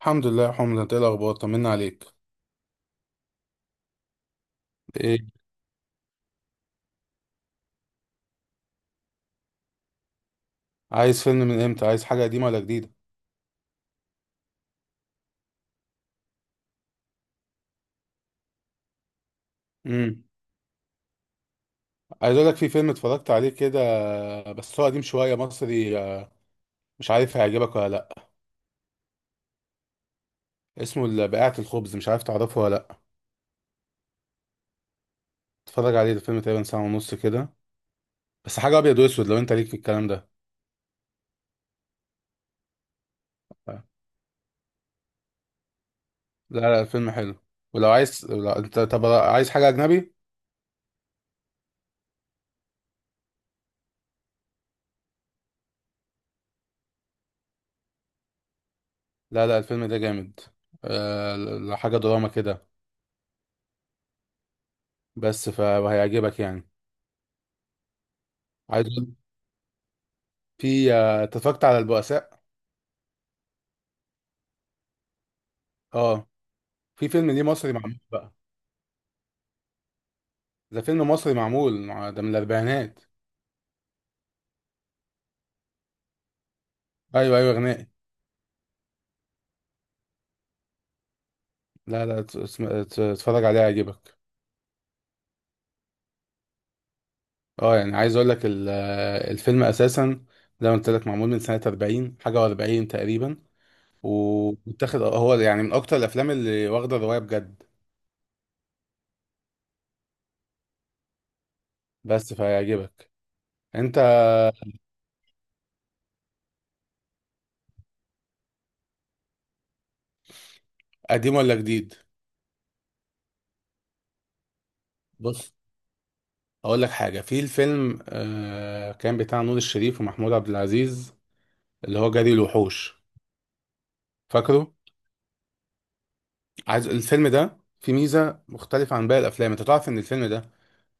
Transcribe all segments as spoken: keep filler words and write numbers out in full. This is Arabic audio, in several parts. الحمد لله يا حمد، انت ايه الاخبار؟ طمنا عليك. ايه؟ عايز فيلم من امتى؟ عايز حاجه قديمه ولا جديده؟ امم عايز اقول لك في فيلم اتفرجت عليه كده، بس هو قديم شويه، مصري. آه، مش عارف هيعجبك ولا لا. اسمه ال- بقاعه الخبز، مش عارف تعرفه ولا لا. اتفرج عليه. ده فيلم تقريبا ساعه ونص كده، بس حاجه ابيض واسود، لو انت ليك في الكلام ده. لا لا، الفيلم حلو. ولو عايز، لو انت طب عايز حاجه اجنبي. لا لا، الفيلم ده جامد. أه... ل- ل- حاجه دراما كده، بس فهيعجبك يعني. عايز أقول- في، آه، اتفرجت على البؤساء. اه. في فيلم ليه مصري معمول بقى. ده فيلم مصري معمول. ده من الاربعينات. ايوه ايوه، غنائي. لا لا، ت- اسم- ت- اتفرج عليه هيعجبك. اه يعني، عايز اقول لك ال- الفيلم اساسا، زي ما قلت لك، معمول من سنه اربعين حاجه و40 تقريبا. ومتاخد هو يعني من اكتر الافلام اللي واخده الروايه بجد، بس فهيعجبك انت. قديم ولا جديد؟ بص، اقول لك حاجه. في الفيلم آه كان بتاع نور الشريف ومحمود عبد العزيز، اللي هو جري الوحوش، فاكره؟ عايز الفيلم ده في ميزة مختلفة عن باقي الأفلام. أنت تعرف إن الفيلم ده،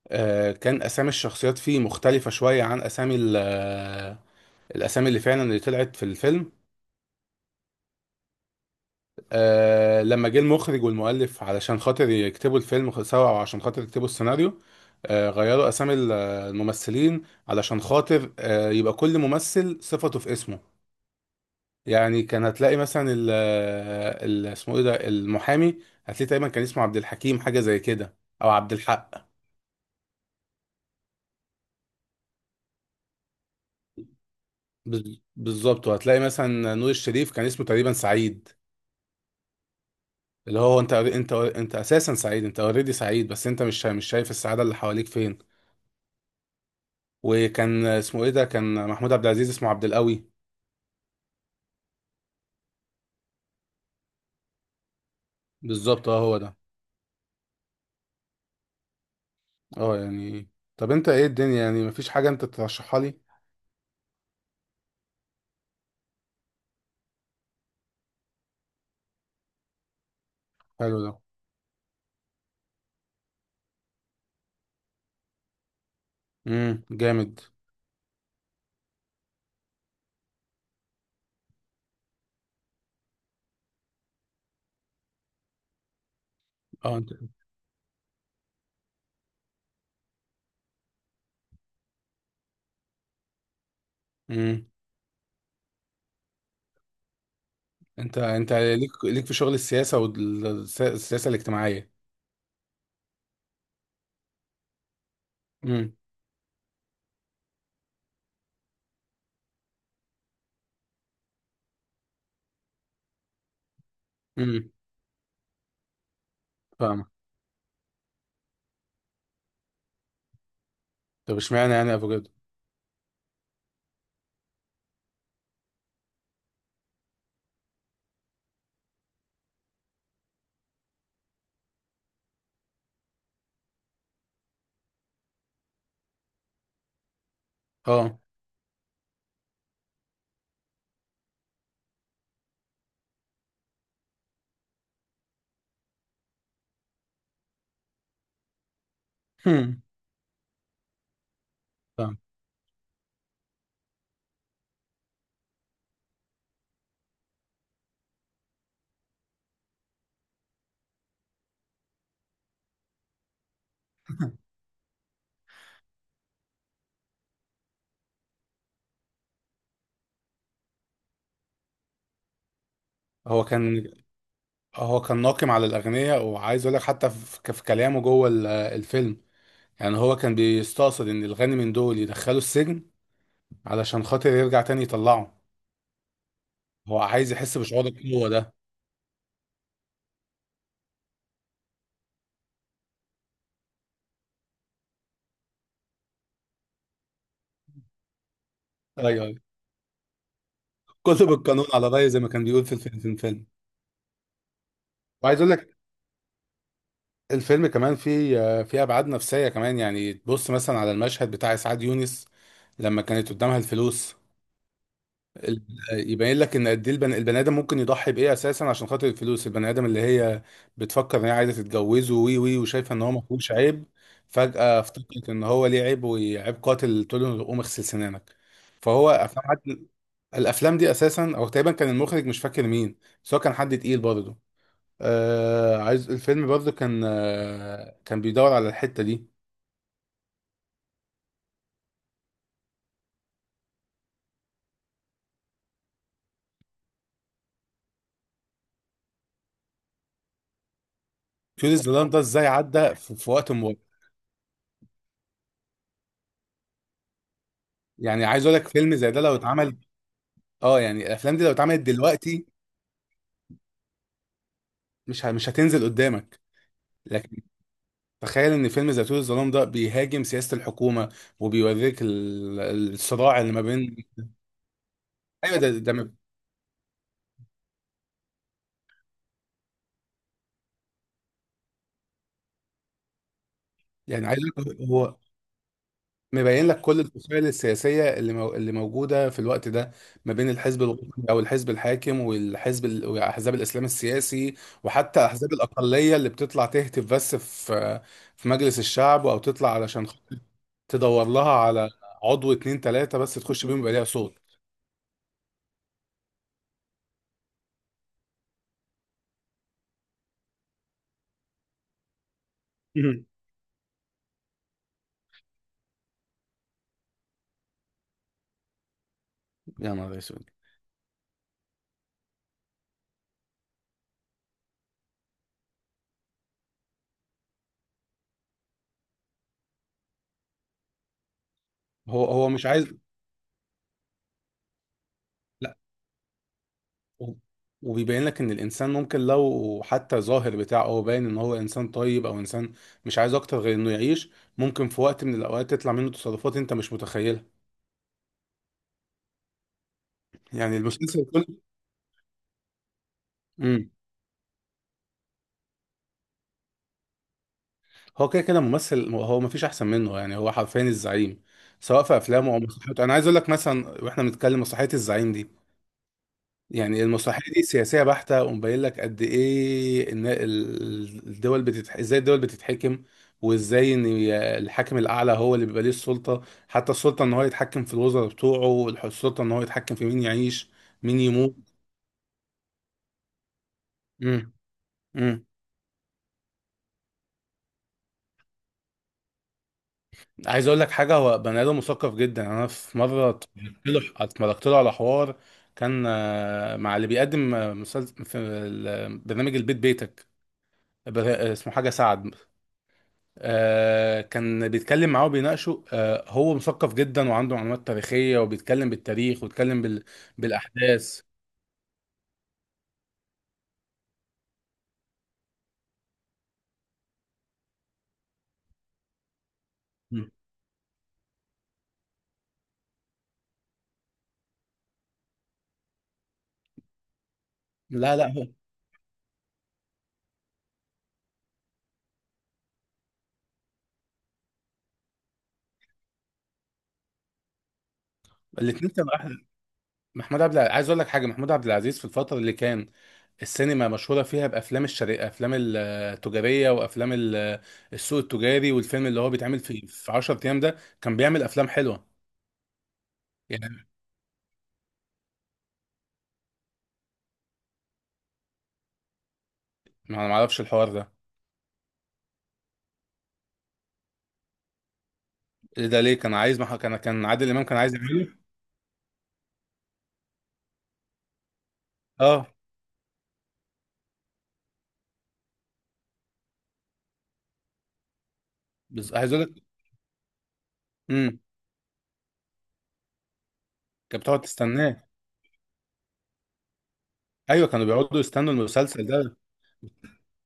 آه، كان أسامي الشخصيات فيه مختلفة شوية عن أسامي ال- آه، الأسامي اللي فعلا اللي طلعت في الفيلم. آه، لما جه المخرج والمؤلف علشان خاطر يكتبوا الفيلم، خ- سوا، أو عشان خاطر يكتبوا السيناريو، آه، غيروا أسامي ال- آه، الممثلين، علشان خاطر آه، يبقى كل ممثل صفته في اسمه. يعني كان هتلاقي مثلا ال آه، ال- اسمه إيه ده، المحامي، هتلاقي تقريبا كان اسمه عبد الحكيم، حاجة زي كده، أو عبد الحق. بز- بالظبط. وهتلاقي مثلا نور الشريف كان اسمه تقريبا سعيد، اللي هو انت انت انت اساسا سعيد، انت اوريدي سعيد، بس انت مش مش شايف السعاده اللي حواليك فين. وكان اسمه ايه ده، كان محمود عبد العزيز اسمه عبد القوي. بالظبط، اه، هو ده. اه يعني. طب انت ايه الدنيا؟ يعني مفيش حاجه انت ترشحها لي؟ حلو ده. امم جامد. اه، انت. امم انت انت ليك ليك في شغل السياسه والسياسه الاجتماعيه. امم امم فاهمك. طب اشمعنى يعني افوكادو؟ اه. فاهم. هو كان هو كان ناقم على الأغنياء. وعايز أقول لك حتى في في كلامه جوه ال- الفيلم، يعني هو كان بيستقصد إن الغني من دول يدخلوا السجن علشان خاطر يرجع تاني يطلعه. هو عايز يحس بشعور القوة ده. أيوه أيوه، كله بالقانون على رأيه، زي ما كان بيقول في الفيلم في الفيلم وعايز أقول لك، الفيلم كمان فيه فيه أبعاد نفسية كمان، يعني تبص مثلا على المشهد بتاع إسعاد يونس لما كانت قدامها الفلوس. ال- يبين لك ان قد ايه البن- البني ادم ممكن يضحي بايه اساسا عشان خاطر الفلوس. البني ادم اللي هي بتفكر ان هي عايزه تتجوزه، وي وي وشايفه ان هو ما فيهوش عيب، فجاه افتكرت ان هو ليه عيب، وعيب قاتل، تقول له قوم اغسل سنانك. فهو افلام عادل. الافلام دي اساسا، او تقريبا، كان المخرج مش فاكر مين، بس هو كان حد تقيل برضه. آه عايز الفيلم برضه كان، آه كان بيدور على الحته دي. كيوريوس زلاند ده ازاي عدى في, في وقت مبارك؟ يعني عايز اقول لك فيلم زي ده لو اتعمل. اه يعني، الافلام دي لو اتعملت دلوقتي مش ه- مش هتنزل قدامك. لكن تخيل ان فيلم زيتون الظلام ده بيهاجم سياسة الحكومة وبيوريك ال- الصراع اللي ما بين ايوه، ده ده م- يعني عايز أقول لك، هو مبين لك كل الفصائل السياسية اللي مو... اللي موجودة في الوقت ده. ما بين الحزب الوطني او الحزب الحاكم، والحزب ال... واحزاب الاسلام السياسي، وحتى احزاب الاقلية اللي بتطلع تهتف بس في في مجلس الشعب، او تطلع علشان تدور لها على عضو، اتنين، تلاتة، بس تخش بيهم يبقى ليها صوت. يا نهار اسود. هو هو مش عايز. لا، و- وبيبين لك ان الانسان ممكن، لو حتى ظاهر بتاعه هو باين ان هو انسان طيب، او انسان مش عايز اكتر غير انه يعيش، ممكن في وقت من الاوقات تطلع منه تصرفات انت مش متخيلها. يعني المسلسل كله. امم هو كده كده ممثل، هو ما فيش احسن منه، يعني هو حرفيا الزعيم. سواء في افلامه او مسرحياته، انا عايز اقول لك مثلا، واحنا بنتكلم مسرحيه الزعيم دي، يعني المسرحيه دي سياسيه بحته، ومبين لك قد ايه ان ال- الدول بتتح... ازاي الدول بتتحكم، وازاي ان ي- الحاكم الاعلى هو اللي بيبقى ليه السلطه، حتى السلطه ان هو يتحكم في الوزراء بتوعه، الح- السلطه ان هو يتحكم في مين يعيش، مين يموت. امم امم عايز اقول لك حاجه، هو بني ادم مثقف جدا. انا في مره اتفرجت له اتفرجت له على حوار، كان آه، مع اللي بيقدم آه، مسلسل في ال- برنامج البيت بيتك، بر- اسمه حاجه سعد. آه، كان بيتكلم معاه وبيناقشه. آه، هو مثقف جدا وعنده معلومات تاريخية، وبيتكلم بالتاريخ، وبيتكلم بال... بالأحداث. مم. لا لا. هو الاتنين كانوا أحلى. محمود عبد العزيز، عايز أقول لك حاجة، محمود عبد العزيز في الفترة اللي كان السينما مشهورة فيها بأفلام الشرق، أفلام التجارية وأفلام ال- السوق التجاري، والفيلم اللي هو بيتعمل في في عشرة أيام، ده كان بيعمل أفلام حلوة. يعني ما ما أعرفش الحوار ده. إيه ده؟ ليه كان عايز؟ ما كان كان عادل إمام كان عايز يعمله. اه. بس عايز أقول لك، كانت بتقعد تستناه. ايوه، كانوا بيقعدوا يستنوا المسلسل ده.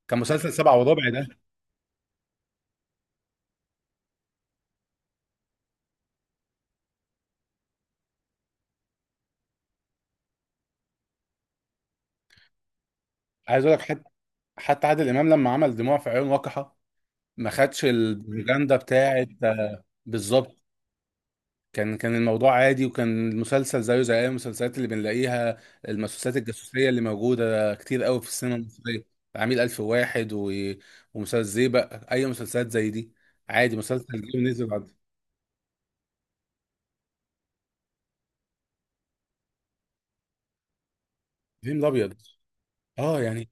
كان مسلسل سبعة وربع ده. عايز اقول لك، حتى حتى عادل امام لما عمل دموع في عيون وقحة، ما خدش البروباجندا بتاعت. آه، بالظبط. كان كان الموضوع عادي، وكان المسلسل زيه زي اي المسلسلات اللي بنلاقيها، المسلسلات الجاسوسيه اللي موجوده كتير قوي في السينما المصريه. عميل الف واحد و... ومسلسل زيبق، اي مسلسلات زي دي. عادي، مسلسل جه ونزل بعد. فيلم الابيض. اه يعني.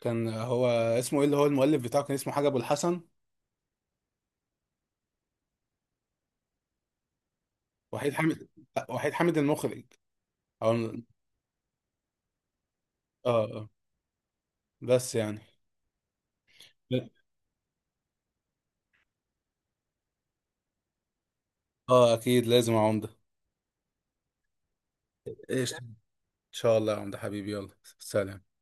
كان هو اسمه ايه، اللي هو المؤلف بتاعه، كان اسمه حاجه ابو الحسن. وحيد حامد. وحيد حامد المخرج. او اه. آه. بس يعني. اه اكيد لازم يا عمده. ايش ان شاء الله يا عمده حبيبي، يلا سلام.